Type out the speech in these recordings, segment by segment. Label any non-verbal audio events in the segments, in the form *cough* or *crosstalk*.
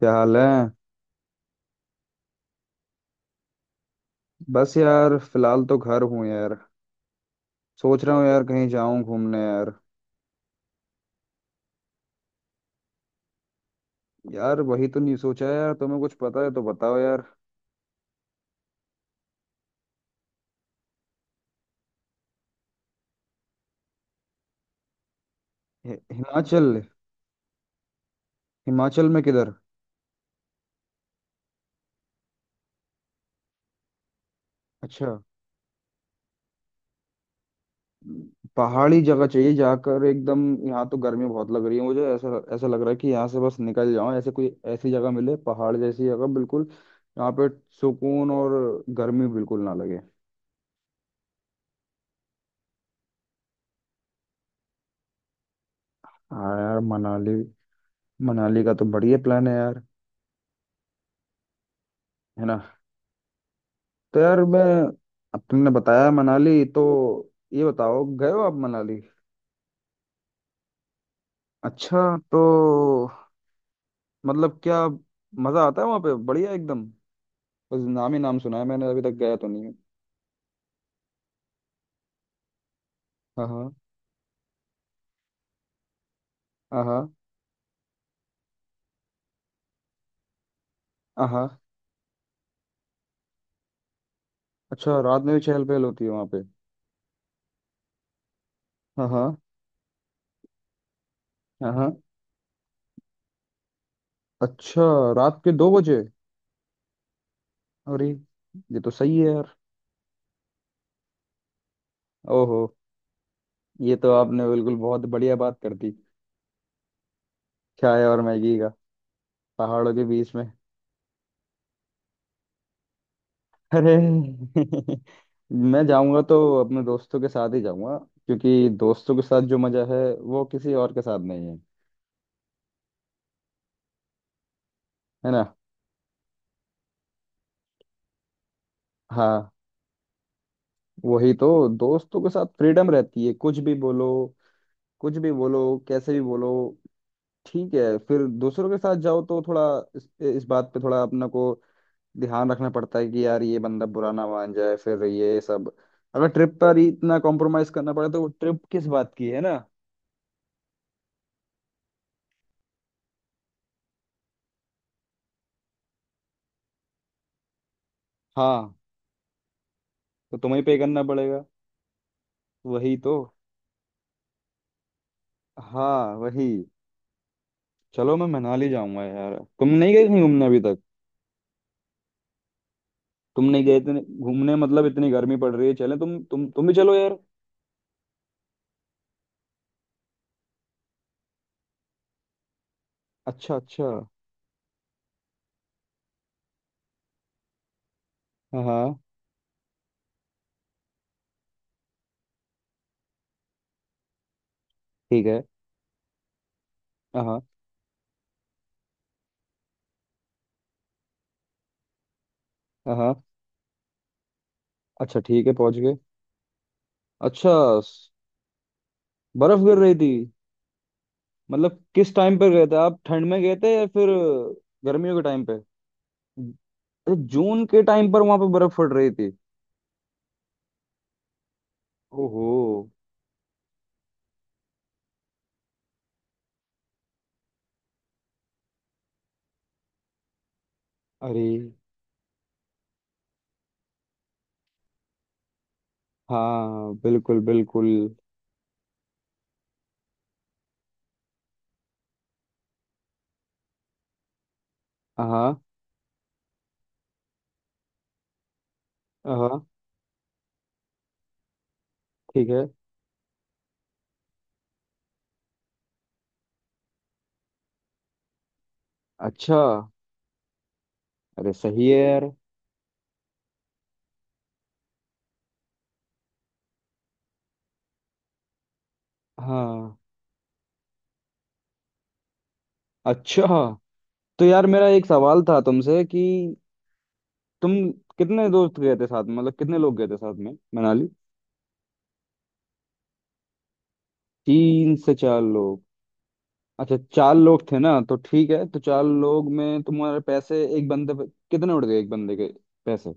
क्या हाल है। बस यार फिलहाल तो घर हूँ यार। सोच रहा हूँ यार कहीं जाऊं घूमने यार। यार वही तो नहीं सोचा है यार, तुम्हें कुछ पता है तो बताओ यार। हिमाचल। हिमाचल में किधर? अच्छा, पहाड़ी जगह चाहिए जाकर एकदम। यहाँ तो गर्मी बहुत लग रही है, मुझे ऐसा ऐसा लग रहा है कि यहाँ से बस निकल जाऊं, ऐसे कोई ऐसी जगह मिले पहाड़ जैसी जगह बिल्कुल। यहाँ पे सुकून और गर्मी बिल्कुल ना लगे। हाँ यार, मनाली। मनाली का तो बढ़िया प्लान है यार। है ना। तो यार मैं, अब तुमने बताया मनाली तो ये बताओ, गए हो आप मनाली? अच्छा। तो मतलब क्या, मजा आता है वहाँ पे बढ़िया एकदम? बस नाम ही नाम सुना है, मैंने अभी तक गया तो नहीं है। हाँ हाँ। हाँ हाँ। हाँ। अच्छा, रात में भी चहल पहल होती है वहाँ पे? हाँ हाँ। हाँ हाँ। अच्छा, रात के 2 बजे? अरे, ये तो सही है यार। ओहो। ये तो आपने बिल्कुल बहुत बढ़िया बात कर दी। चाय और मैगी का, पहाड़ों के बीच में। अरे *laughs* मैं जाऊंगा तो अपने दोस्तों के साथ ही जाऊंगा, क्योंकि दोस्तों के साथ जो मजा है वो किसी और के साथ नहीं है। है ना। हाँ, वही तो, दोस्तों के साथ फ्रीडम रहती है, कुछ भी बोलो, कुछ भी बोलो, कैसे भी बोलो। ठीक है, फिर दूसरों के साथ जाओ तो थोड़ा इस, इस बात पे थोड़ा अपने को ध्यान रखना पड़ता है कि यार ये बंदा बुरा ना मान जाए, फिर ये सब। अगर ट्रिप पर ही इतना कॉम्प्रोमाइज करना पड़े, तो वो ट्रिप किस बात की है ना। हाँ। तो तुम्हें पे करना पड़ेगा। वही तो। हाँ, वही। चलो, मैं मनाली जाऊंगा यार। तुम नहीं गए कहीं घूमने अभी तक? तुम नहीं गए इतने घूमने, मतलब इतनी गर्मी पड़ रही है, चले तुम भी चलो यार। अच्छा अच्छा। हाँ हाँ। ठीक है। हाँ हाँ। हाँ। अच्छा, ठीक है, पहुंच गए। अच्छा। स- बर्फ गिर रही थी? मतलब किस टाइम पर गए थे आप, ठंड में गए थे या फिर गर्मियों के टाइम पे? अरे, जून के टाइम पर वहां पे बर्फ पड़ रही थी? ओहो। अरे। हाँ बिल्कुल बिल्कुल। हाँ हाँ। ठीक है। अच्छा। अरे सही है यार। हाँ। अच्छा, तो यार मेरा एक सवाल था तुमसे कि तुम कितने दोस्त गए थे साथ में, मतलब कितने लोग गए थे साथ में मनाली? 3 से 4 लोग? अच्छा, 4 लोग थे ना, तो ठीक है, तो 4 लोग में तुम्हारे पैसे एक बंदे पे कितने उड़ गए, एक बंदे के पैसे?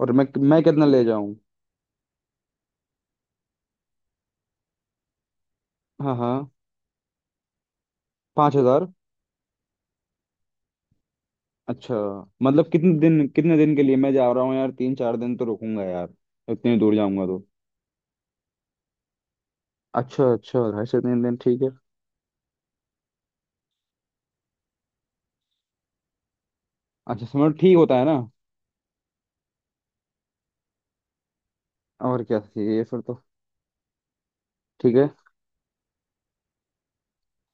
और मैं कितना ले जाऊं? हाँ हाँ। 5 हज़ार? अच्छा, मतलब कितने दिन, कितने दिन के लिए मैं जा रहा हूँ यार, 3 4 दिन तो रुकूंगा यार, इतनी दूर जाऊंगा तो। अच्छा अच्छा, 2.5 से 3 दिन, ठीक है। अच्छा, समझ, ठीक होता है ना। और क्या चाहिए, ये फिर तो ठीक है।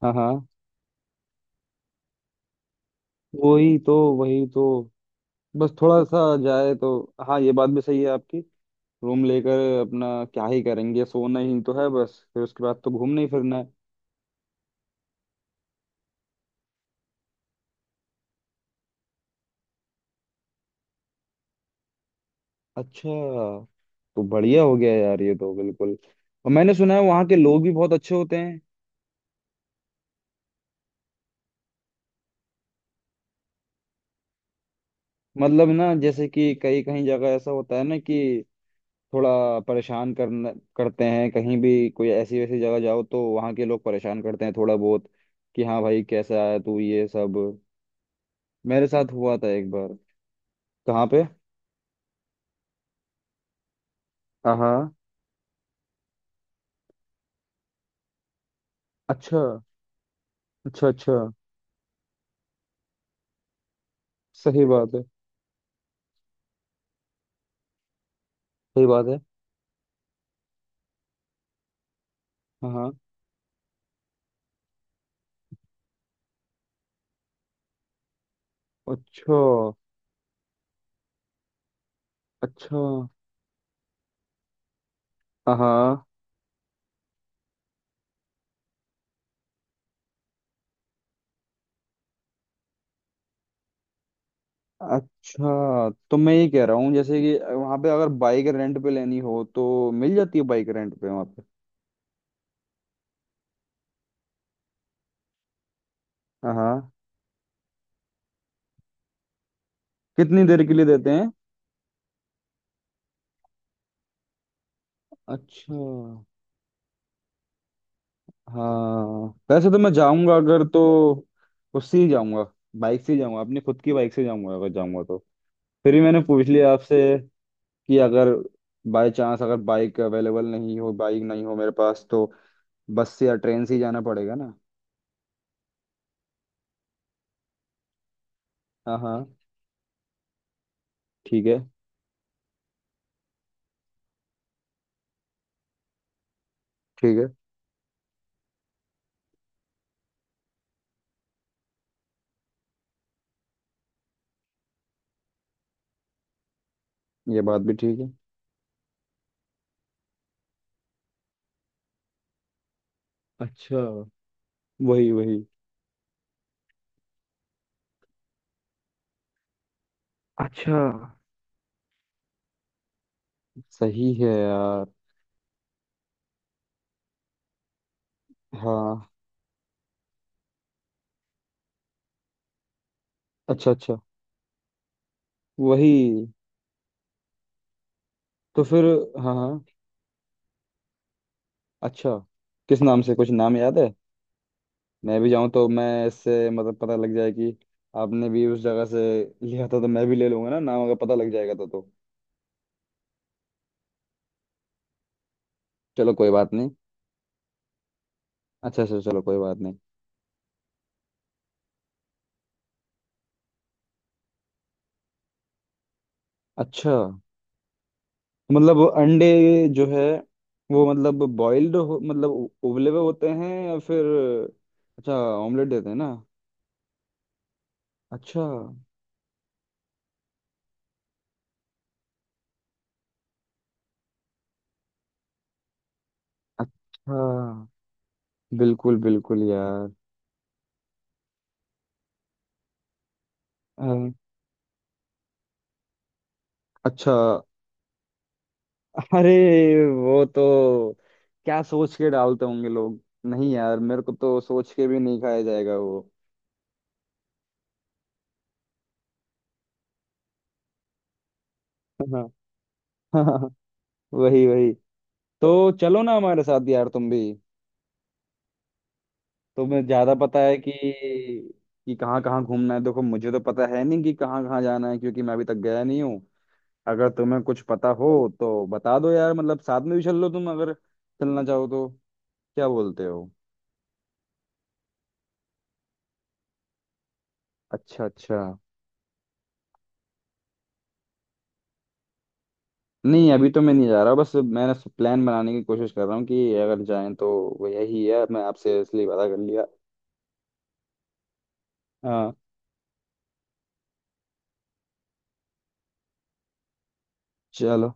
हाँ हाँ, वही तो, वही तो, बस थोड़ा सा जाए तो। हाँ, ये बात भी सही है आपकी, रूम लेकर अपना क्या ही करेंगे, सोना ही तो है, बस फिर उसके बाद तो घूमना ही फिरना है। अच्छा, तो बढ़िया हो गया यार ये तो बिल्कुल। और मैंने सुना है वहाँ के लोग भी बहुत अच्छे होते हैं। मतलब ना, जैसे कि कई कहीं जगह ऐसा होता है ना कि थोड़ा परेशान करना करते हैं, कहीं भी कोई ऐसी वैसी जगह जाओ तो वहाँ के लोग परेशान करते हैं थोड़ा बहुत, कि हाँ भाई कैसा है तू ये सब। मेरे साथ हुआ था एक बार। कहाँ पे? हाँ हाँ। अच्छा अच्छा। अच्छा। सही बात है। सही बात है। हाँ हाँ। अच्छा अच्छा। हाँ हाँ। अच्छा, तो मैं ये कह रहा हूँ, जैसे कि वहाँ पे अगर बाइक रेंट पे लेनी हो तो मिल जाती है बाइक रेंट पे वहाँ पे? हाँ हाँ। कितनी देर के लिए देते हैं? अच्छा। हाँ, वैसे तो मैं जाऊंगा अगर तो उससे ही जाऊंगा, बाइक से ही जाऊंगा, अपनी खुद की बाइक से जाऊंगा अगर जाऊंगा तो। फिर भी मैंने पूछ लिया आपसे कि अगर बाय चांस अगर बाइक अवेलेबल नहीं हो, बाइक नहीं हो मेरे पास, तो बस से या ट्रेन से ही जाना पड़ेगा ना? हाँ हाँ। ठीक है। ठीक है। ये बात भी ठीक है। अच्छा। वही वही। अच्छा सही है यार। हाँ। अच्छा अच्छा। वही, तो फिर। हाँ हाँ। अच्छा, किस नाम से, कुछ नाम याद है? मैं भी जाऊँ तो मैं इससे मतलब पता लग जाए कि आपने भी उस जगह से लिया था, तो मैं भी ले लूंगा ना, नाम अगर पता लग जाएगा तो चलो कोई बात नहीं। अच्छा अच्छा, चलो कोई बात नहीं। अच्छा, मतलब वो अंडे जो है वो मतलब बॉइल्ड, मतलब उबले हुए होते हैं या फिर? अच्छा, ऑमलेट देते हैं ना? अच्छा अच्छा। बिल्कुल बिल्कुल यार। अ, अच्छा। अरे, वो तो, क्या सोच के डालते होंगे लोग? नहीं यार, मेरे को तो सोच के भी नहीं खाया जाएगा वो। हाँ *laughs* हाँ, वही वही। तो चलो ना हमारे साथ यार तुम भी, तुम्हें ज्यादा पता है कि कहाँ कहाँ घूमना है, देखो मुझे तो पता है नहीं कि कहाँ कहाँ जाना है, क्योंकि मैं अभी तक गया नहीं हूँ। अगर तुम्हें कुछ पता हो तो बता दो यार, मतलब साथ में भी चल लो तुम अगर चलना चाहो तो, क्या बोलते हो? अच्छा अच्छा। नहीं, अभी तो मैं नहीं जा रहा, बस मैंने प्लान बनाने की कोशिश कर रहा हूँ कि अगर जाएं तो, वो यही है, मैं आपसे इसलिए पता कर लिया। हाँ। चलो।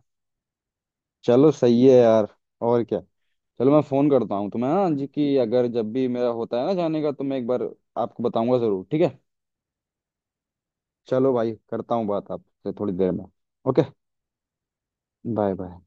चलो सही है यार। और क्या। चलो, मैं फ़ोन करता हूँ तुम्हें हाँ जी, कि अगर जब भी मेरा होता है ना जाने का तो मैं एक बार आपको बताऊंगा ज़रूर, ठीक है? चलो भाई, करता हूँ बात आपसे थोड़ी देर में। ओके। Bye bye.